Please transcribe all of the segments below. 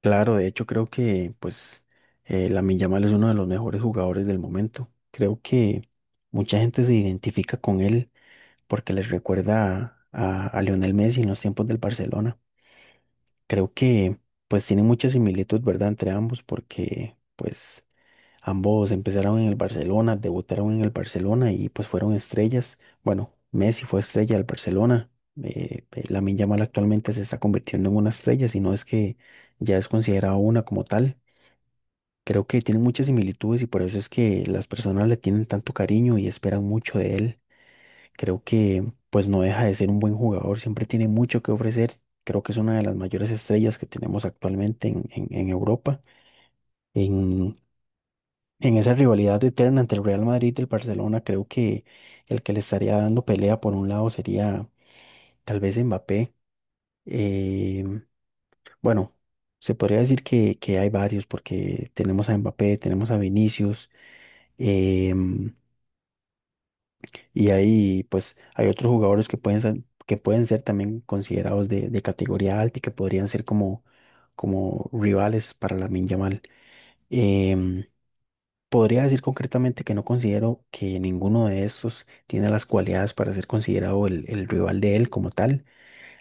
Claro, de hecho creo que la Lamine Yamal es uno de los mejores jugadores del momento. Creo que mucha gente se identifica con él porque les recuerda a Lionel Messi en los tiempos del Barcelona. Creo que pues tiene mucha similitud, ¿verdad? Entre ambos porque pues ambos empezaron en el Barcelona, debutaron en el Barcelona y pues fueron estrellas. Bueno, Messi fue estrella del Barcelona. Lamine Yamal actualmente se está convirtiendo en una estrella, si no es que ya es considerado una como tal. Creo que tiene muchas similitudes y por eso es que las personas le tienen tanto cariño y esperan mucho de él. Creo que pues no deja de ser un buen jugador, siempre tiene mucho que ofrecer. Creo que es una de las mayores estrellas que tenemos actualmente en Europa. En, en esa rivalidad eterna entre el Real Madrid y el Barcelona, creo que el que le estaría dando pelea por un lado sería tal vez Mbappé. Eh, bueno, se podría decir que hay varios porque tenemos a Mbappé, tenemos a Vinicius. em, Y ahí, pues, hay otros jugadores que pueden ser también considerados de categoría alta y que podrían ser como rivales para la Yamal. Em, Podría decir concretamente que no considero que ninguno de estos tiene las cualidades para ser considerado el rival de él como tal.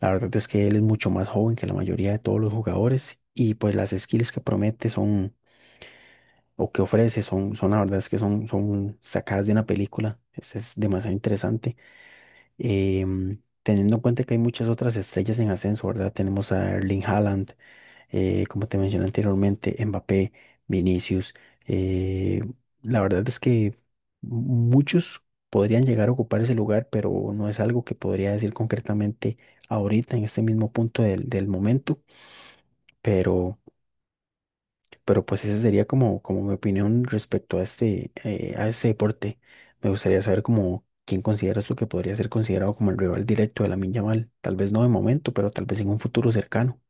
La verdad es que él es mucho más joven que la mayoría de todos los jugadores y pues las skills que promete son o que ofrece son, son la verdad es que son, son sacadas de una película. Es demasiado interesante, teniendo en cuenta que hay muchas otras estrellas en ascenso, ¿verdad? Tenemos a Erling Haaland, como te mencioné anteriormente, Mbappé, Vinicius. eh, la verdad es que muchos podrían llegar a ocupar ese lugar, pero no es algo que podría decir concretamente ahorita, en este mismo punto del momento, pero... Pero pues esa sería como mi opinión respecto a este, a este deporte. Me gustaría saber como quién consideras tú que podría ser considerado como el rival directo de la Yamal. Tal vez no de momento, pero tal vez en un futuro cercano.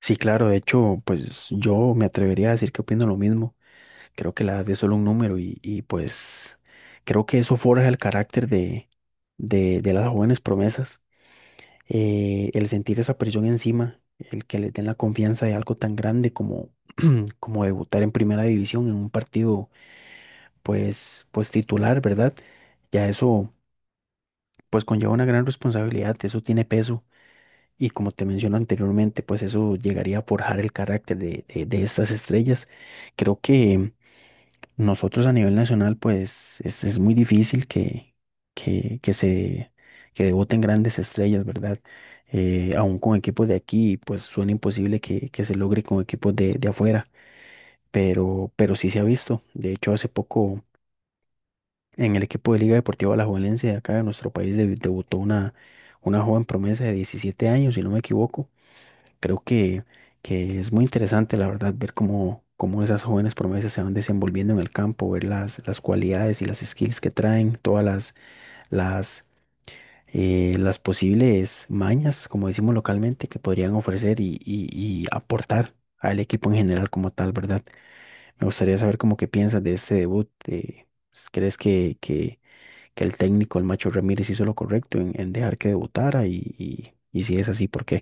Sí, claro, de hecho, pues yo me atrevería a decir que opino lo mismo. Creo que la edad es solo un número pues creo que eso forja el carácter de las jóvenes promesas. El sentir esa presión encima, el que les den la confianza de algo tan grande como debutar en primera división en un partido pues titular, ¿verdad? Ya eso pues conlleva una gran responsabilidad, eso tiene peso y como te menciono anteriormente, pues eso llegaría a forjar el carácter de estas estrellas. Creo que nosotros a nivel nacional pues es muy difícil que, que se que debuten grandes estrellas, ¿verdad? Aún con equipos de aquí, pues suena imposible que se logre con equipos de afuera. Pero sí se ha visto. De hecho, hace poco en el equipo de Liga Deportiva Alajuelense de acá de nuestro país debutó una joven promesa de 17 años, si no me equivoco. Creo que es muy interesante, la verdad, ver cómo esas jóvenes promesas se van desenvolviendo en el campo, ver las cualidades y las skills que traen, todas las, las, eh, las posibles mañas, como decimos localmente, que podrían ofrecer y aportar al equipo en general como tal, ¿verdad? Me gustaría saber cómo que piensas de este debut. ¿Crees que el técnico, el Macho Ramírez, hizo lo correcto en dejar que debutara? Si es así, ¿por qué?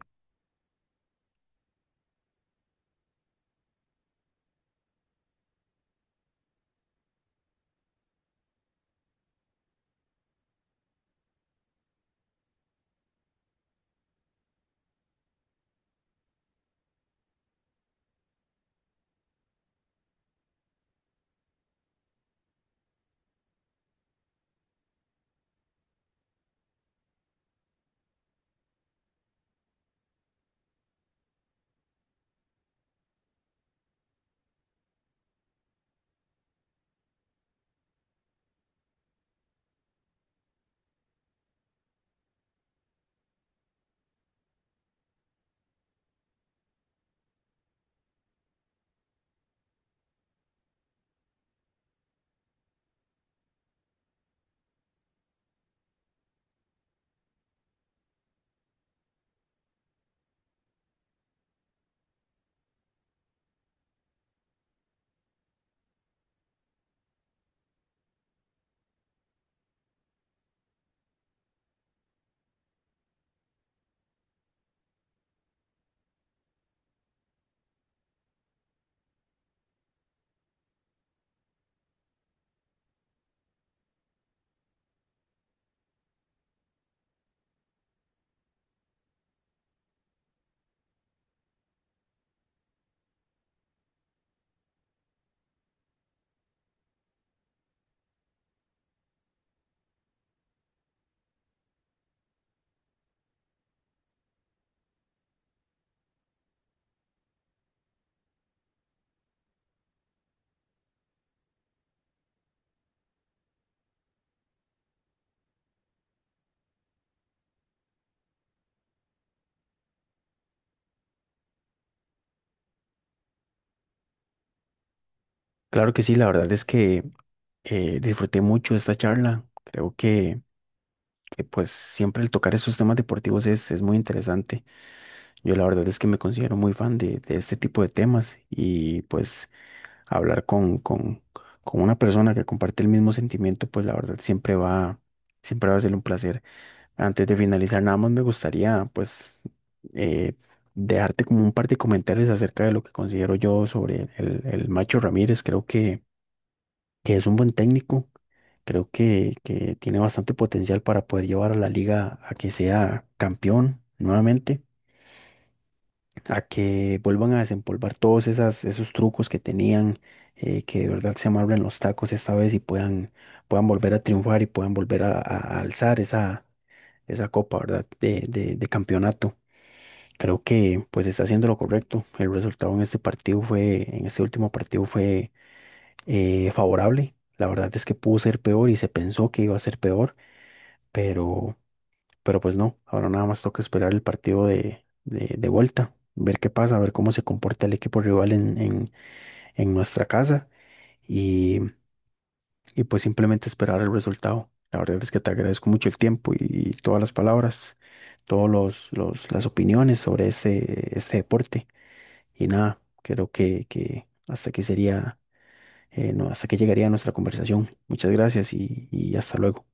Claro que sí, la verdad es que, disfruté mucho esta charla. Creo que pues siempre el tocar esos temas deportivos es muy interesante. Yo la verdad es que me considero muy fan de este tipo de temas y pues hablar con una persona que comparte el mismo sentimiento, pues la verdad siempre va a ser un placer. Antes de finalizar, nada más me gustaría, pues, eh, dejarte como un par de comentarios acerca de lo que considero yo sobre el Macho Ramírez. Creo que es un buen técnico. Creo que tiene bastante potencial para poder llevar a la liga a que sea campeón nuevamente a que vuelvan a desempolvar todos esas, esos trucos que tenían, que de verdad se amarren los tacos esta vez y puedan volver a triunfar y puedan volver a alzar esa copa, ¿verdad? De campeonato. Creo que pues está haciendo lo correcto. El resultado en este partido fue, En este último partido fue, favorable. La verdad es que pudo ser peor y se pensó que iba a ser peor, pero pues no, ahora nada más toca esperar el partido de vuelta, ver qué pasa, ver cómo se comporta el equipo rival en nuestra casa y, y pues simplemente esperar el resultado. La verdad es que te agradezco mucho el tiempo y todas las palabras, todos los- las opiniones sobre este, este deporte. Y nada, creo que hasta aquí sería, no, hasta aquí llegaría nuestra conversación. Muchas gracias y hasta luego.